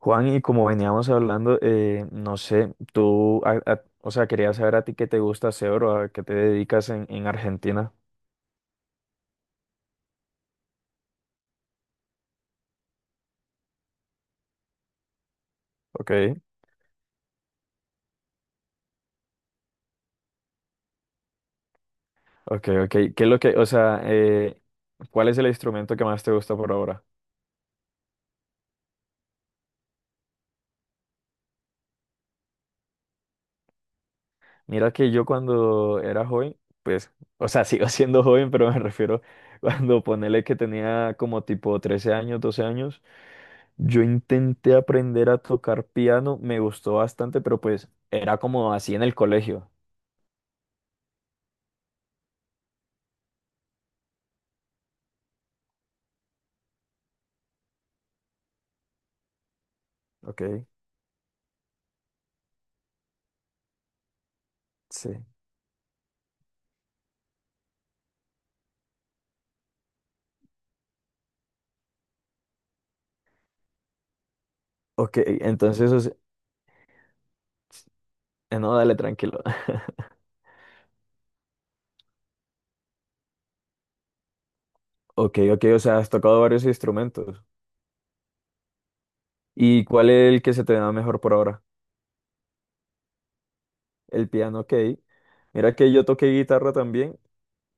Juan, y como veníamos hablando, no sé, tú, quería saber a ti qué te gusta hacer o a qué te dedicas en Argentina. Ok, ok. ¿Qué es lo que, cuál es el instrumento que más te gusta por ahora? Mira que yo cuando era joven, pues, o sea, sigo siendo joven, pero me refiero cuando ponele que tenía como tipo 13 años, 12 años, yo intenté aprender a tocar piano, me gustó bastante, pero pues era como así en el colegio. Ok, sí. Ok, entonces, no, dale, tranquilo. Ok, ok, o sea, has tocado varios instrumentos. ¿Y cuál es el que se te da mejor por ahora? El piano, ok. Mira que yo toqué guitarra también,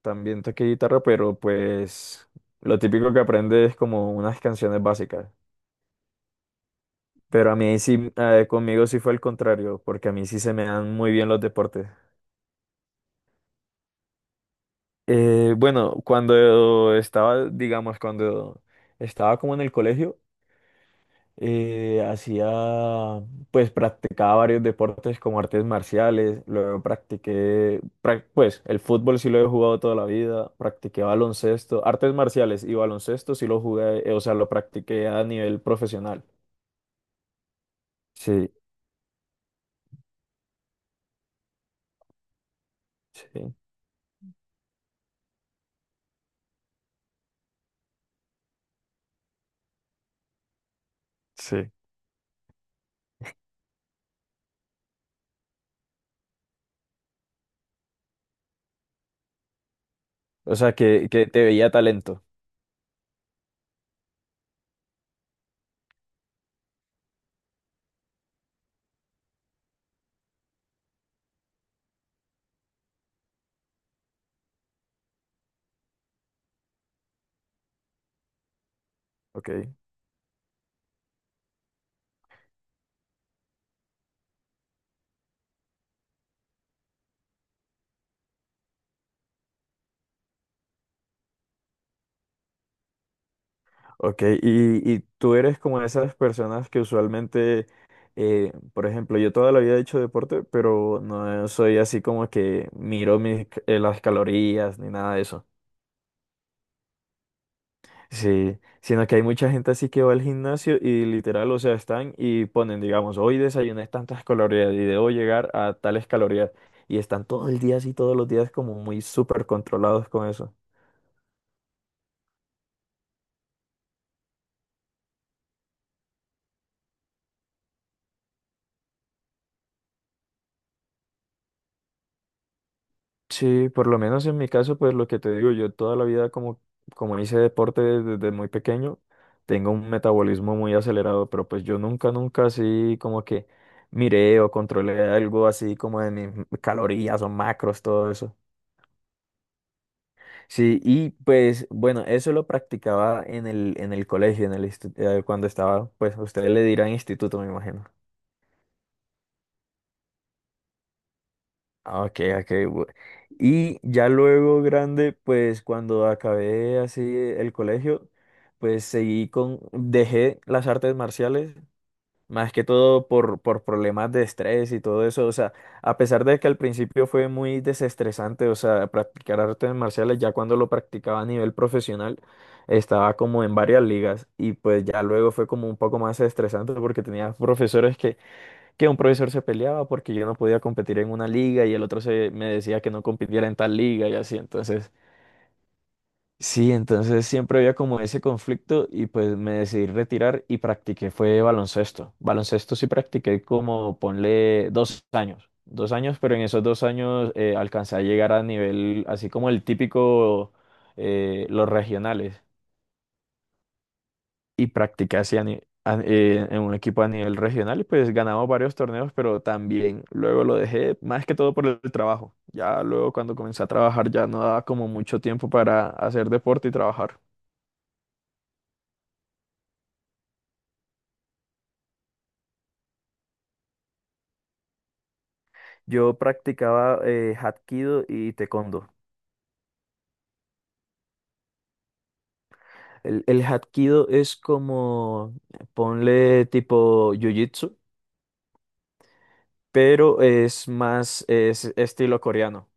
también toqué guitarra, pero pues lo típico que aprendes es como unas canciones básicas. Pero a mí sí, conmigo sí fue el contrario, porque a mí sí se me dan muy bien los deportes. Bueno, cuando estaba, digamos, cuando estaba como en el colegio, Eh, hacía, pues practicaba varios deportes como artes marciales, luego practiqué, pues el fútbol sí lo he jugado toda la vida, practiqué baloncesto, artes marciales y baloncesto sí lo jugué, o sea, lo practiqué a nivel profesional. Sí, sí. Sí, o sea, que te veía talento. Ok. Ok, y tú eres como esas personas que usualmente, por ejemplo, yo toda la vida he hecho deporte, pero no soy así como que miro mis, las calorías ni nada de eso. Sí, sino que hay mucha gente así que va al gimnasio y literal, o sea, están y ponen, digamos, hoy desayuné tantas calorías y debo llegar a tales calorías. Y están todo el día así, todos los días como muy súper controlados con eso. Sí, por lo menos en mi caso, pues lo que te digo, yo toda la vida como, como hice deporte desde muy pequeño, tengo un metabolismo muy acelerado, pero pues yo nunca, nunca así como que miré o controlé algo así como de mis calorías o macros, todo eso. Sí, y pues bueno, eso lo practicaba en el colegio, en el, cuando estaba, pues ustedes le dirán instituto, me imagino. Ah, ok, ok. Y ya luego grande, pues cuando acabé así el colegio, pues seguí con, dejé las artes marciales, más que todo por problemas de estrés y todo eso. O sea, a pesar de que al principio fue muy desestresante, o sea, practicar artes marciales, ya cuando lo practicaba a nivel profesional, estaba como en varias ligas y pues ya luego fue como un poco más estresante porque tenía profesores que un profesor se peleaba porque yo no podía competir en una liga y el otro se me decía que no compitiera en tal liga y así. Entonces, sí, entonces siempre había como ese conflicto y pues me decidí retirar y practiqué, fue baloncesto. Baloncesto sí practiqué como, ponle, 2 años. 2 años, pero en esos 2 años alcancé a llegar a nivel, así como el típico, los regionales. Y practiqué así a ni- a- en un equipo a nivel regional y pues ganamos varios torneos, pero también luego lo dejé más que todo por el trabajo. Ya luego cuando comencé a trabajar ya no daba como mucho tiempo para hacer deporte y trabajar. Yo practicaba Hapkido y Taekwondo. El Hapkido es como, ponle tipo Jiu-Jitsu, pero es más, es estilo coreano.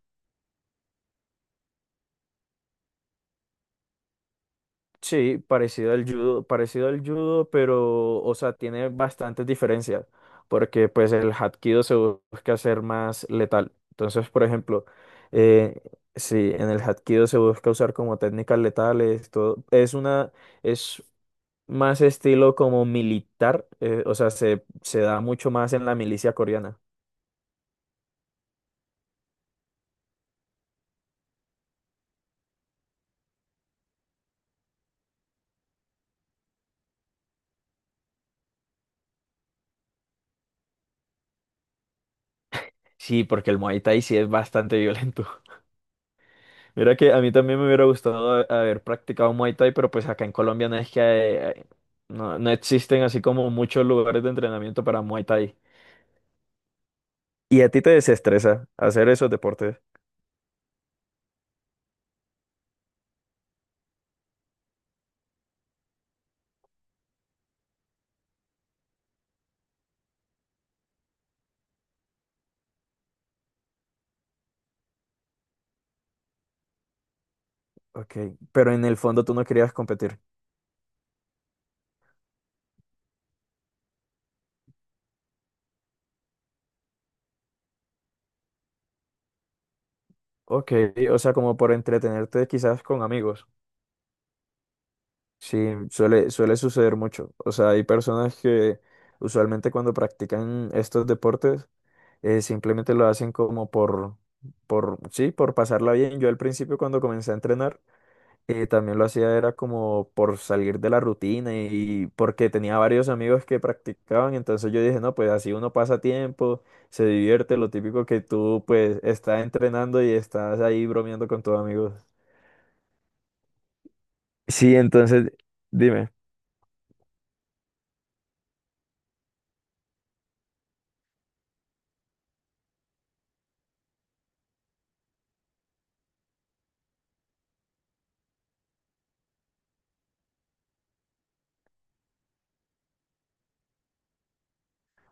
Sí, parecido al judo, pero, o sea, tiene bastantes diferencias, porque pues el hapkido se busca hacer más letal. Entonces, por ejemplo, eh, sí, en el hapkido se busca usar como técnicas letales, todo, es una, es más estilo como militar, o sea, se da mucho más en la milicia coreana. Sí, porque el Muay Thai sí es bastante violento. Mira que a mí también me hubiera gustado haber practicado Muay Thai, pero pues acá en Colombia no es que eh, no, no existen así como muchos lugares de entrenamiento para Muay Thai. Y a ti te desestresa hacer esos deportes. Ok, pero en el fondo tú no querías competir. Ok, o sea, como por entretenerte quizás con amigos. Sí, suele, suele suceder mucho. O sea, hay personas que usualmente cuando practican estos deportes simplemente lo hacen como por, sí, por pasarla bien. Yo al principio cuando comencé a entrenar también lo hacía era como por salir de la rutina y porque tenía varios amigos que practicaban, entonces yo dije, no, pues así uno pasa tiempo, se divierte, lo típico que tú pues estás entrenando y estás ahí bromeando con tus amigos. Sí, entonces, dime,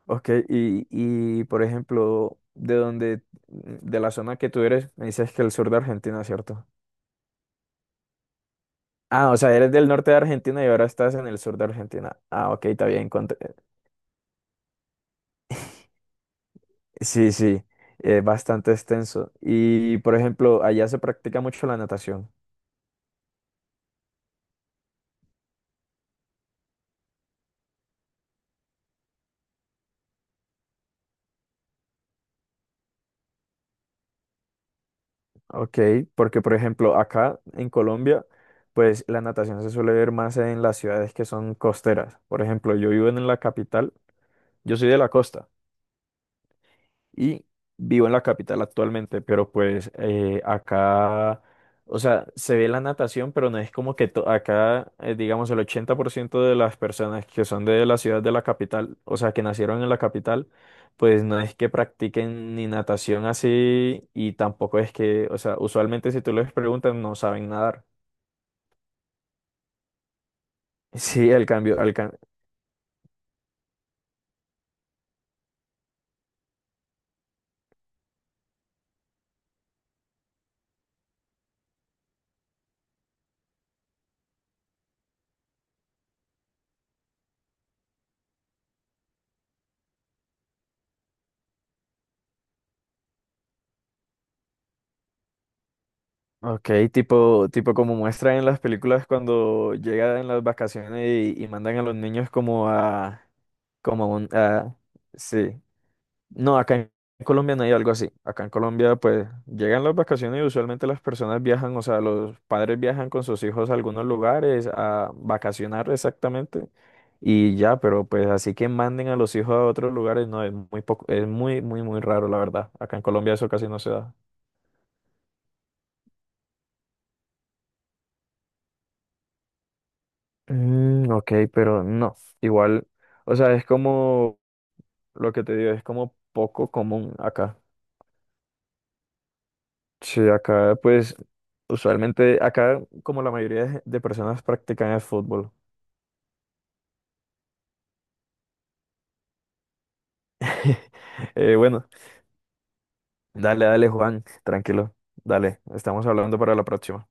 ok, y por ejemplo, de donde, de la zona que tú eres, me dices que el sur de Argentina, ¿cierto? Ah, o sea, eres del norte de Argentina y ahora estás en el sur de Argentina. Ah, ok, está bien, sí, sí, es bastante extenso. Y, por ejemplo, allá se practica mucho la natación. Ok, porque, por ejemplo, acá en Colombia, pues la natación se suele ver más en las ciudades que son costeras. Por ejemplo, yo vivo en la capital, yo soy de la costa. Y vivo en la capital actualmente, pero pues acá, o sea, se ve la natación, pero no es como que acá, digamos, el 80% de las personas que son de la ciudad de la capital, o sea, que nacieron en la capital, pues no es que practiquen ni natación así y tampoco es que, o sea, usualmente si tú les preguntas no saben nadar. Sí, el cambio, ok, tipo, tipo como muestran en las películas cuando llegan en las vacaciones y mandan a los niños como a, como un, ah, sí. No, acá en Colombia no hay algo así. Acá en Colombia, pues, llegan las vacaciones y usualmente las personas viajan, o sea, los padres viajan con sus hijos a algunos lugares a vacacionar exactamente y ya, pero pues así que manden a los hijos a otros lugares, no, es muy poco, es muy, muy, muy raro, la verdad. Acá en Colombia eso casi no se da. Mm, ok, pero no, igual, o sea, es como lo que te digo, es como poco común acá. Sí, acá pues usualmente, acá como la mayoría de personas practican el fútbol. Bueno, dale, dale Juan, tranquilo, dale, estamos hablando para la próxima.